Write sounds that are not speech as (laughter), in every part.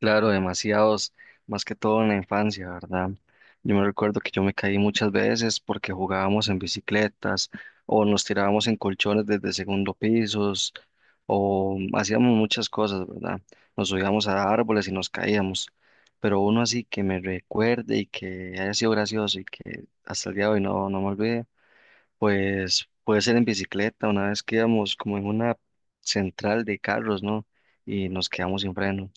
Claro, demasiados, más que todo en la infancia, ¿verdad? Yo me recuerdo que yo me caí muchas veces porque jugábamos en bicicletas o nos tirábamos en colchones desde segundo pisos o hacíamos muchas cosas, ¿verdad? Nos subíamos a árboles y nos caíamos. Pero uno así que me recuerde y que haya sido gracioso y que hasta el día de hoy no me olvide, pues puede ser en bicicleta, una vez que íbamos como en una central de carros, ¿no? Y nos quedamos sin freno.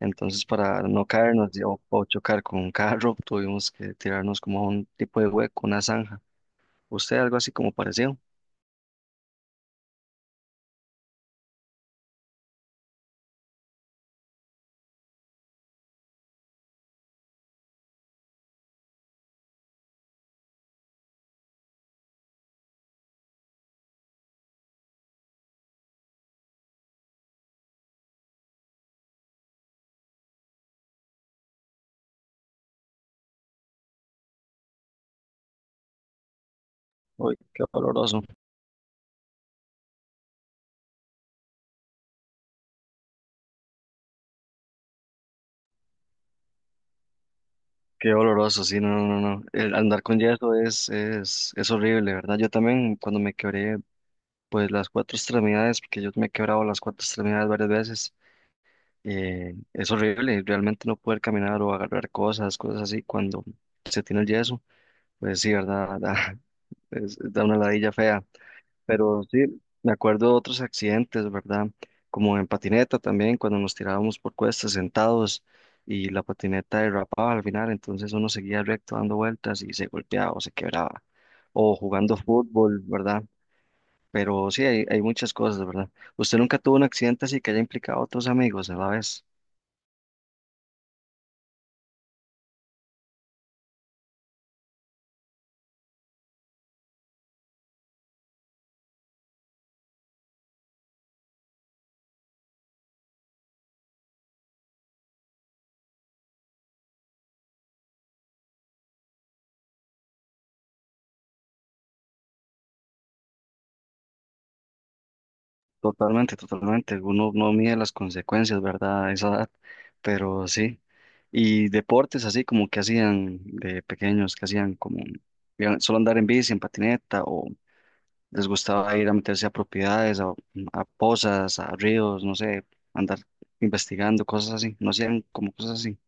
Entonces, para no caernos o chocar con un carro, (laughs) tuvimos que tirarnos como a un tipo de hueco, una zanja. ¿Usted algo así como parecido? Uy, qué doloroso. Qué doloroso, sí, no, no, no. No. El andar con yeso es horrible, ¿verdad? Yo también cuando me quebré, pues las cuatro extremidades, porque yo me he quebrado las cuatro extremidades varias veces, es horrible, realmente no poder caminar o agarrar cosas, cosas así, cuando se tiene el yeso, pues sí, ¿verdad? (laughs) Da, da una ladilla fea. Pero sí, me acuerdo de otros accidentes, ¿verdad? Como en patineta también, cuando nos tirábamos por cuestas sentados y la patineta derrapaba al final, entonces uno seguía recto dando vueltas y se golpeaba o se quebraba. O jugando fútbol, ¿verdad? Pero sí, hay muchas cosas, ¿verdad? ¿Usted nunca tuvo un accidente así que haya implicado a otros amigos a la vez? Totalmente, totalmente. Uno no mide las consecuencias, ¿verdad? A esa edad, pero sí. Y deportes así como que hacían de pequeños, que hacían como iban solo andar en bici, en patineta, o les gustaba ir a meterse a propiedades, a pozas, a ríos, no sé, andar investigando, cosas así. No hacían como cosas así.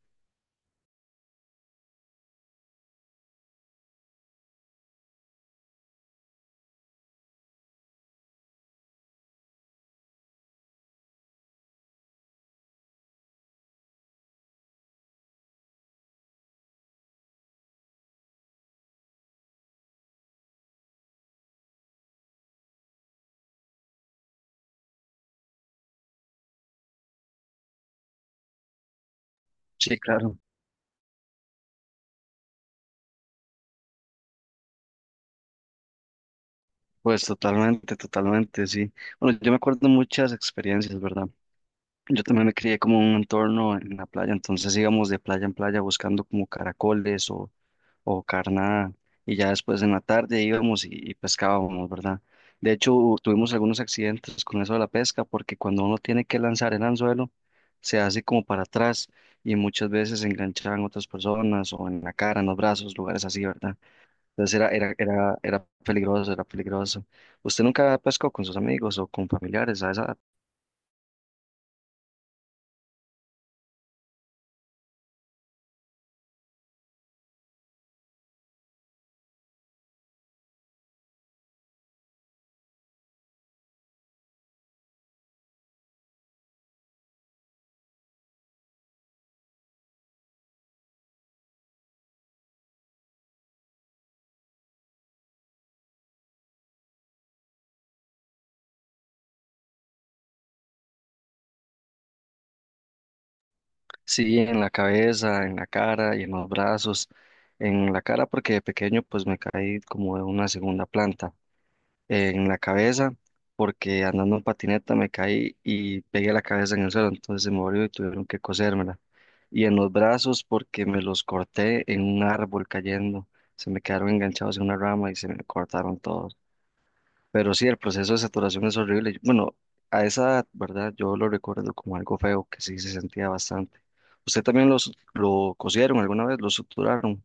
Sí, claro. Pues totalmente, totalmente, sí. Bueno, yo me acuerdo muchas experiencias, ¿verdad? Yo también me crié como en un entorno en la playa, entonces íbamos de playa en playa buscando como caracoles o carnada y ya después en la tarde íbamos y pescábamos, ¿verdad? De hecho, tuvimos algunos accidentes con eso de la pesca porque cuando uno tiene que lanzar el anzuelo, se hace como para atrás y muchas veces se enganchaban otras personas o en la cara, en los brazos, lugares así, ¿verdad? Entonces era peligroso, era peligroso. ¿Usted nunca pescó con sus amigos o con familiares a esa- Sí, en la cabeza, en la cara y en los brazos. En la cara porque de pequeño pues me caí como de una segunda planta. En la cabeza porque andando en patineta me caí y pegué la cabeza en el suelo, entonces se me volvió y tuvieron que cosérmela. Y en los brazos porque me los corté en un árbol cayendo. Se me quedaron enganchados en una rama y se me cortaron todos. Pero sí, el proceso de saturación es horrible. Bueno, a esa edad, ¿verdad? Yo lo recuerdo como algo feo, que sí se sentía bastante. ¿Usted también lo cosieron alguna vez, lo suturaron?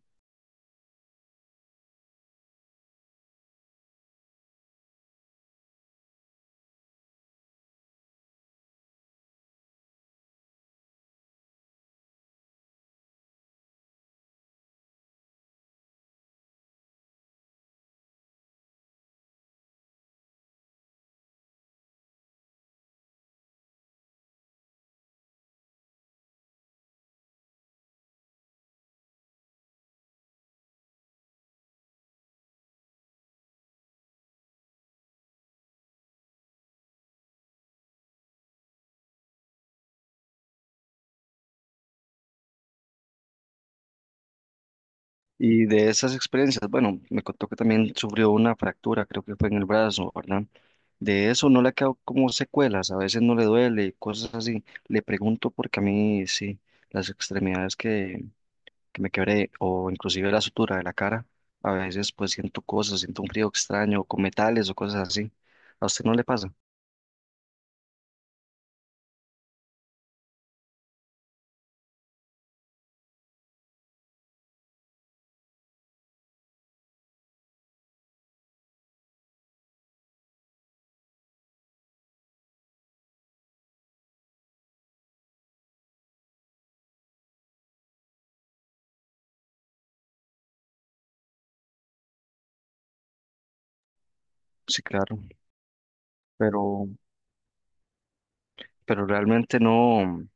Y de esas experiencias, bueno, me contó que también sufrió una fractura, creo que fue en el brazo, ¿verdad? De eso no le ha quedado como secuelas, a veces no le duele, cosas así. Le pregunto porque a mí sí, las extremidades que me quebré o inclusive la sutura de la cara. A veces pues siento cosas, siento un frío extraño con metales o cosas así. ¿A usted no le pasa? Sí, claro, pero, pero realmente no,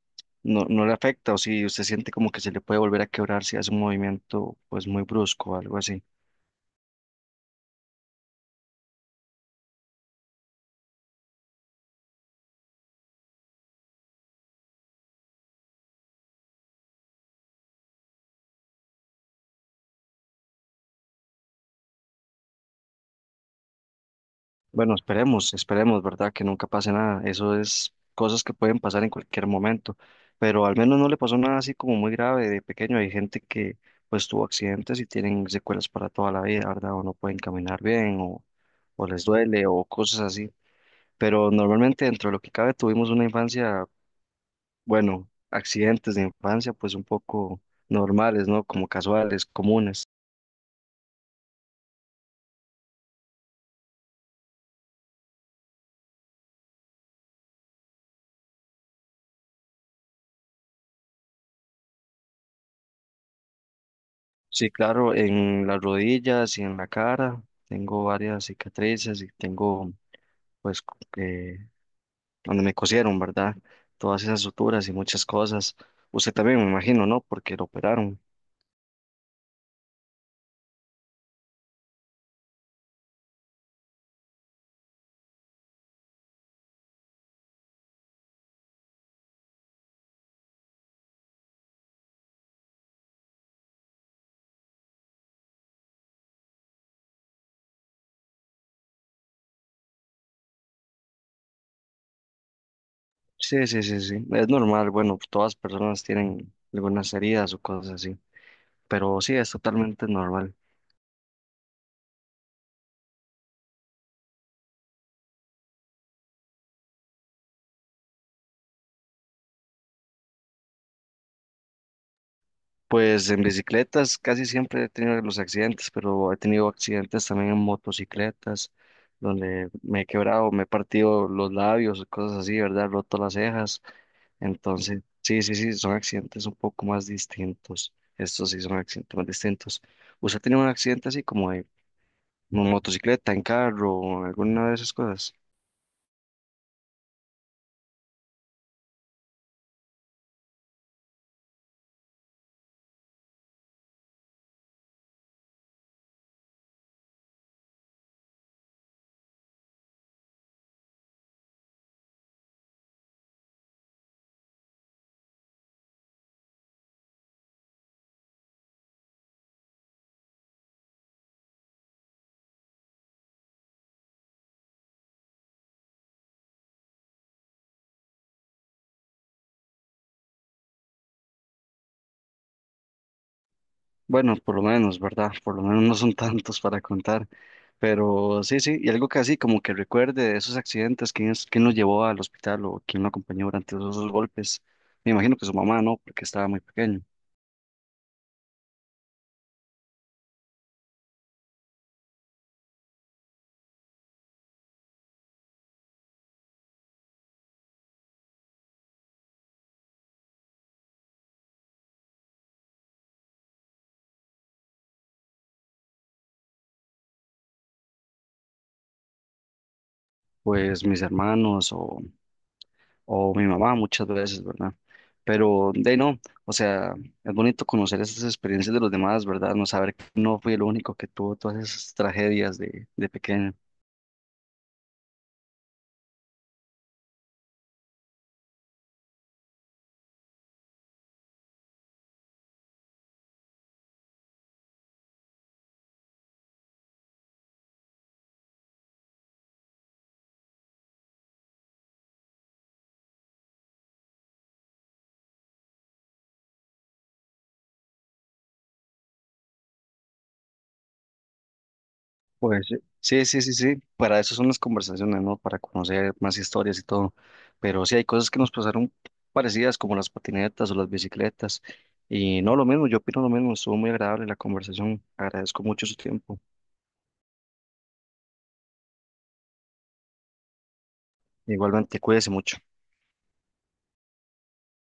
no le afecta o si usted siente como que se le puede volver a quebrar si hace un movimiento pues muy brusco o algo así. Bueno, esperemos, esperemos, ¿verdad? Que nunca pase nada. Eso es cosas que pueden pasar en cualquier momento. Pero al menos no le pasó nada así como muy grave de pequeño. Hay gente que pues tuvo accidentes y tienen secuelas para toda la vida, ¿verdad? O no pueden caminar bien o les duele o cosas así. Pero normalmente dentro de lo que cabe tuvimos una infancia, bueno, accidentes de infancia pues un poco normales, ¿no? Como casuales, comunes. Sí, claro, en las rodillas y en la cara. Tengo varias cicatrices y tengo pues, donde me cosieron, ¿verdad? Todas esas suturas y muchas cosas. Usted también, me imagino, ¿no? Porque lo operaron. Sí, sí, sí, sí. Es normal, bueno, todas personas tienen algunas heridas o cosas así, pero sí, es totalmente normal. Pues en bicicletas casi siempre he tenido los accidentes, pero he tenido accidentes también en motocicletas, donde me he quebrado, me he partido los labios, cosas así, ¿verdad? Roto las cejas. Entonces, sí, sí, sí, son accidentes un poco más distintos. Estos sí son accidentes más distintos. ¿Usted ha tenido un accidente así como de motocicleta, en carro, alguna de esas cosas? Bueno, por lo menos, ¿verdad? (laughs) Por lo menos no son tantos para contar. Pero sí, sí, y algo que así como que recuerde de esos accidentes, quién es, quién lo llevó al hospital o quién lo acompañó durante esos golpes. Me imagino que su mamá, ¿no? Porque estaba muy pequeño. Pues mis hermanos o mi mamá muchas veces, ¿verdad? Pero de ahí no, o sea, es bonito conocer esas experiencias de los demás, ¿verdad? No saber que no fui el único que tuvo todas esas tragedias de pequeño. Pues sí, sí, sí, sí, para eso son las conversaciones, ¿no? Para conocer más historias y todo. Pero sí hay cosas que nos pasaron parecidas, como las patinetas o las bicicletas. Y no, lo mismo, yo opino lo mismo, estuvo muy agradable la conversación. Agradezco mucho su tiempo. Igualmente, cuídese mucho.